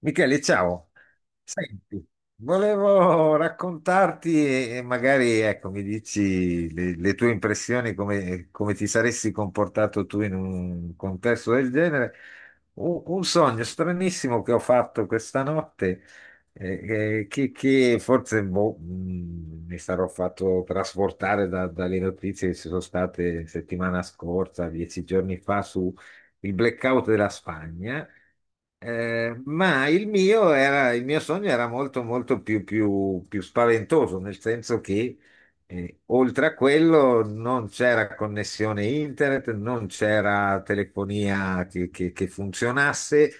Michele, ciao. Senti, volevo raccontarti e magari ecco, mi dici le tue impressioni, come ti saresti comportato tu in un contesto del genere. Un sogno stranissimo che ho fatto questa notte, che forse mi sarò fatto trasportare dalle notizie che ci sono state settimana scorsa, 10 giorni fa, su il blackout della Spagna. Ma il mio, era, il mio sogno era molto, molto più spaventoso, nel senso che oltre a quello non c'era connessione internet, non c'era telefonia che funzionasse,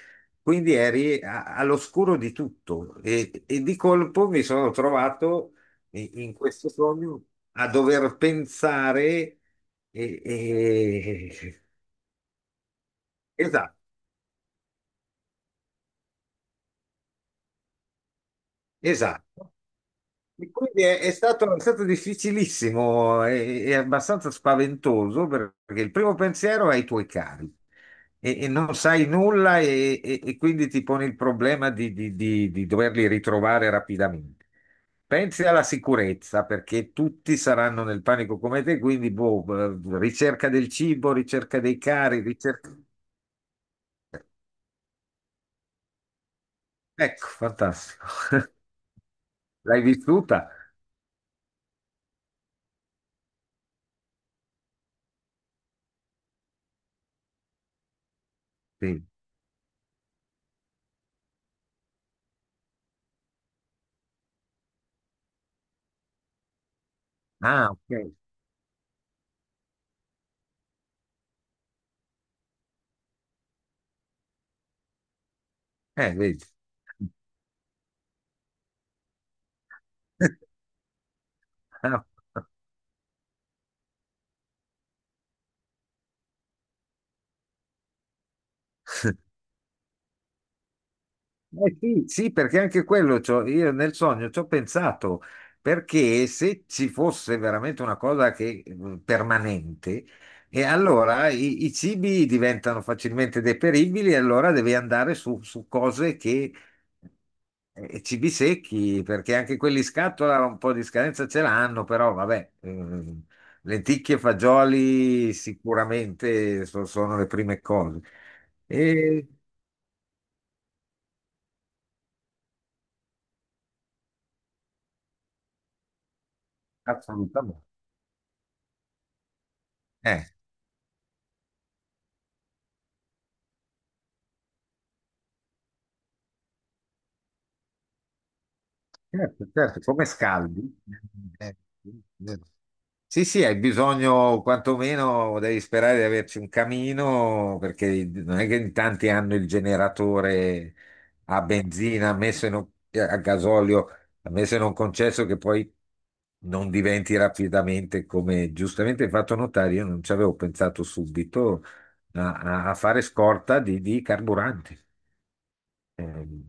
quindi eri all'oscuro di tutto e di colpo mi sono trovato in questo sogno a dover pensare. E, e- esatto. Esatto. E quindi è, è stato difficilissimo e abbastanza spaventoso perché il primo pensiero è ai tuoi cari e non sai nulla e quindi ti poni il problema di doverli ritrovare rapidamente. Pensi alla sicurezza perché tutti saranno nel panico come te, quindi boh, ricerca del cibo, ricerca dei cari, ricerca. Ecco, fantastico. L'hai vissuta? Sì. Ah, ok. Vedi. Eh sì, sì, perché anche quello io nel sogno ci ho pensato, perché se ci fosse veramente una cosa che, permanente, e allora i cibi diventano facilmente deperibili, e allora devi andare su, su cose che, cibi secchi, perché anche quelli in scatola un po' di scadenza ce l'hanno, però vabbè, lenticchie e fagioli sicuramente sono le prime cose. E assolutamente. Eh. Certo, certo, come scaldi. Eh, eh, Sì, sì, hai bisogno, quantomeno devi sperare di averci un camino, perché non è che in tanti hanno il generatore a benzina, a gasolio, messo in un concesso che poi non diventi rapidamente, come giustamente hai fatto notare, io non ci avevo pensato subito a, a fare scorta di, carburante. Eh,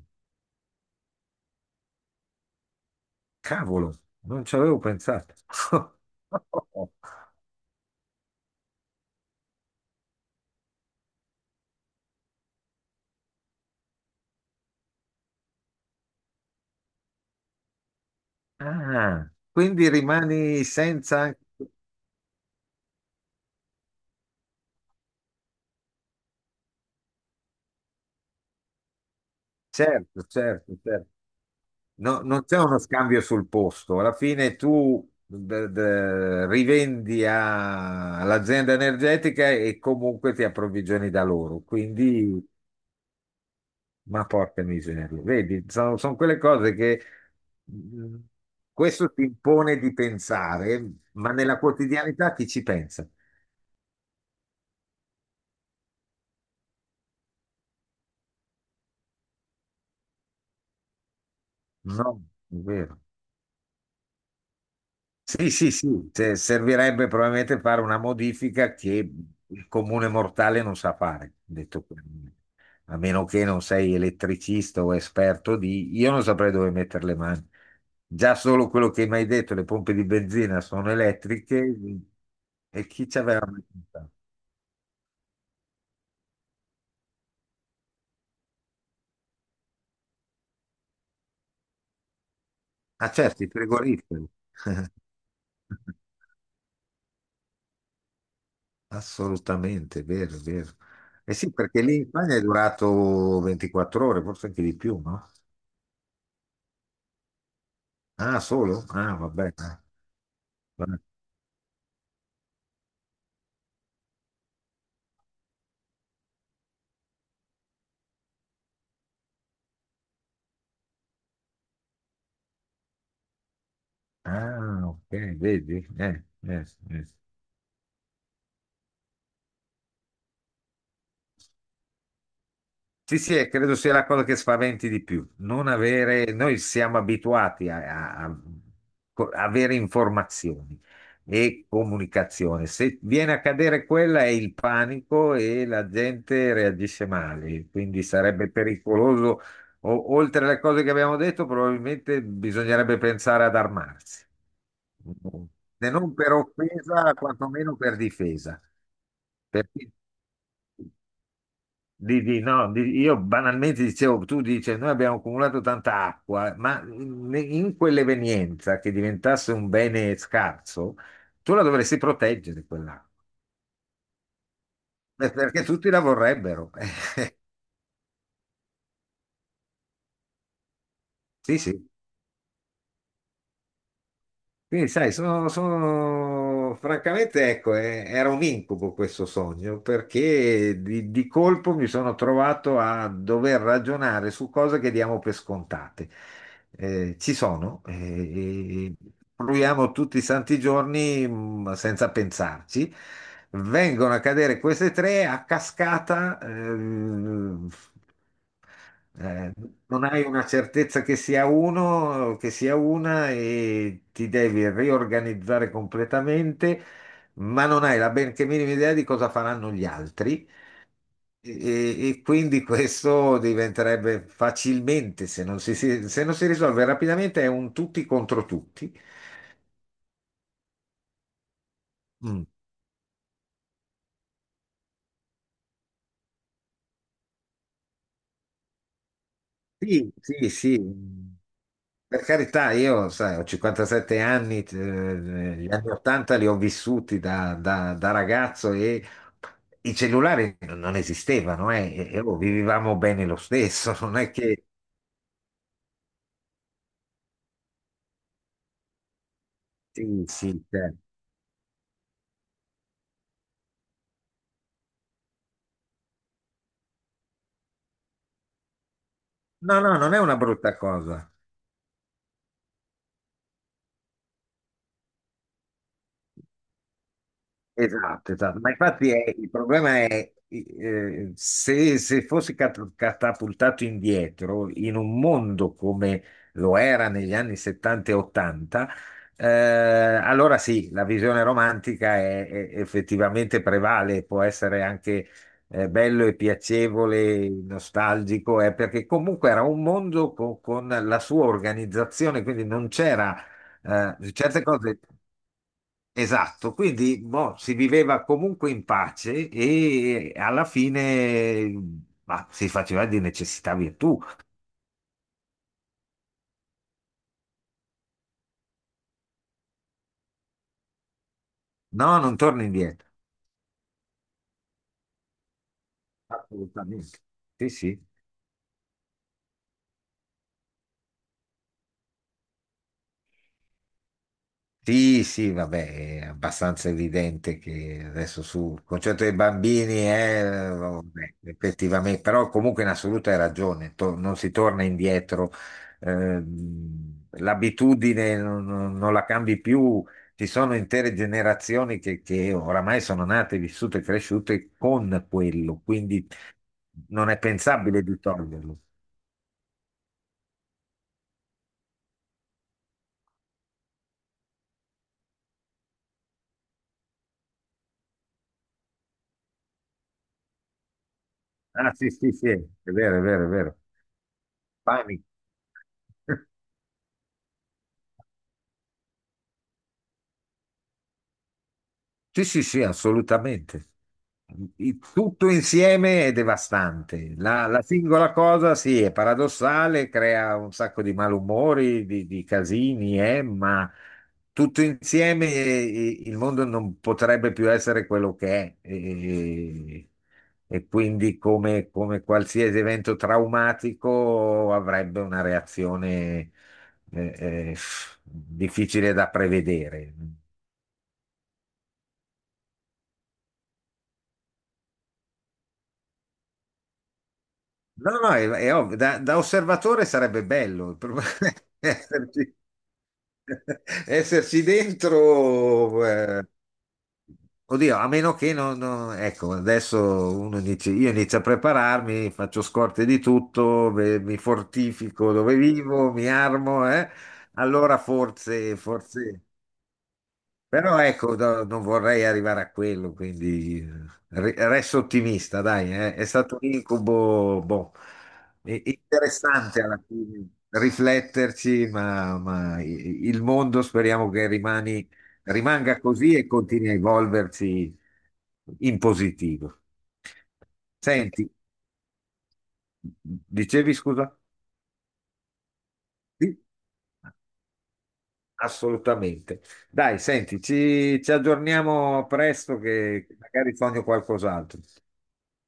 Cavolo, non ci avevo pensato. Ah, quindi rimani senza, anche. Certo, certo, certo. No, non c'è uno scambio sul posto. Alla fine tu rivendi all'azienda energetica e comunque ti approvvigioni da loro. Quindi, ma porca miseria. Vedi, sono quelle cose che mm. Questo ti impone di pensare, ma nella quotidianità chi ci pensa? No, è vero. Servirebbe probabilmente fare una modifica che il comune mortale non sa fare, detto chiaramente. A meno che non sei elettricista o esperto di. Io non saprei dove mettere le mani. Già solo quello che mi hai detto, le pompe di benzina sono elettriche e chi ci aveva mai pensato? Ah, certo, i frigoriferi. Assolutamente, vero, vero. Eh sì, perché lì in Spagna è durato 24 ore, forse anche di più, no? Ah, solo? Ah, vabbè. Ah, va- ah, ok, vedi? Sì, sì, e credo sia la cosa che spaventi di più. Non avere, noi siamo abituati a, a- a avere informazioni e comunicazione. Se viene a cadere quella è il panico e la gente reagisce male, quindi sarebbe pericoloso. Oltre alle cose che abbiamo detto, probabilmente bisognerebbe pensare ad armarsi, se non per offesa, quantomeno per difesa. Perché no, io banalmente dicevo, tu dici, noi abbiamo accumulato tanta acqua, ma in quell'evenienza che diventasse un bene scarso, tu la dovresti proteggere quell'acqua, perché tutti la vorrebbero. Sì, sì. Quindi, sai, francamente, ecco, era un incubo questo sogno, perché di colpo mi sono trovato a dover ragionare su cose che diamo per scontate. Ci sono, e proviamo tutti i santi giorni, senza pensarci. Vengono a cadere queste tre a cascata, eh, non hai una certezza che sia uno, che sia una e ti devi riorganizzare completamente, ma non hai la benché minima idea di cosa faranno gli altri. E quindi questo diventerebbe facilmente, se non si risolve rapidamente, è un tutti contro tutti. Mm. Sì, sì, sì. Per carità, io, sai, ho 57 anni, gli anni 80 li ho vissuti da, da ragazzo e i cellulari non esistevano, e, oh, vivevamo bene lo stesso, non è che. Sì, sì, cioè. No, no, non è una brutta cosa. Esatto, esatto, ma infatti il problema è se, se fossi catapultato indietro in un mondo come lo era negli anni 70 e 80, allora sì, la visione romantica è, effettivamente prevale, può essere anche bello e piacevole, nostalgico, perché comunque era un mondo con la sua organizzazione, quindi non c'era certe cose. Esatto, quindi boh, si viveva comunque in pace e alla fine ma, si faceva di necessità virtù. No, non torni indietro. Assolutamente. Sì, sì. Sì, sì, vabbè, è abbastanza evidente che adesso sul concetto dei bambini, vabbè, effettivamente, però comunque in assoluta hai ragione, non si torna indietro, l'abitudine non la cambi più, ci sono intere generazioni che oramai sono nate, vissute e cresciute con quello, quindi non è pensabile di toglierlo. Ah, sì, sì, sì, è vero, è vero, è vero, panico. Sì, sì, sì, assolutamente. Tutto insieme è devastante. La singola cosa, sì, è paradossale, crea un sacco di malumori, di casini, ma tutto insieme il mondo non potrebbe più essere quello che è. E quindi, come qualsiasi evento traumatico, avrebbe una reazione eh, eh, difficile da prevedere. No, no, è ovvio, da, da osservatore sarebbe bello esserci, esserci dentro. Oddio, a meno che ecco, adesso uno dice, io inizio a prepararmi, faccio scorte di tutto, beh, mi fortifico dove vivo, mi armo, eh? Allora forse, forse. Però ecco, non vorrei arrivare a quello, quindi resto ottimista, dai, eh. È stato un incubo, boh, interessante alla fine rifletterci, ma i- il mondo speriamo che rimani- rimanga così e continui a evolversi in positivo. Senti, dicevi scusa? Sì, assolutamente. Dai, senti, ci aggiorniamo presto che magari sogno qualcos'altro.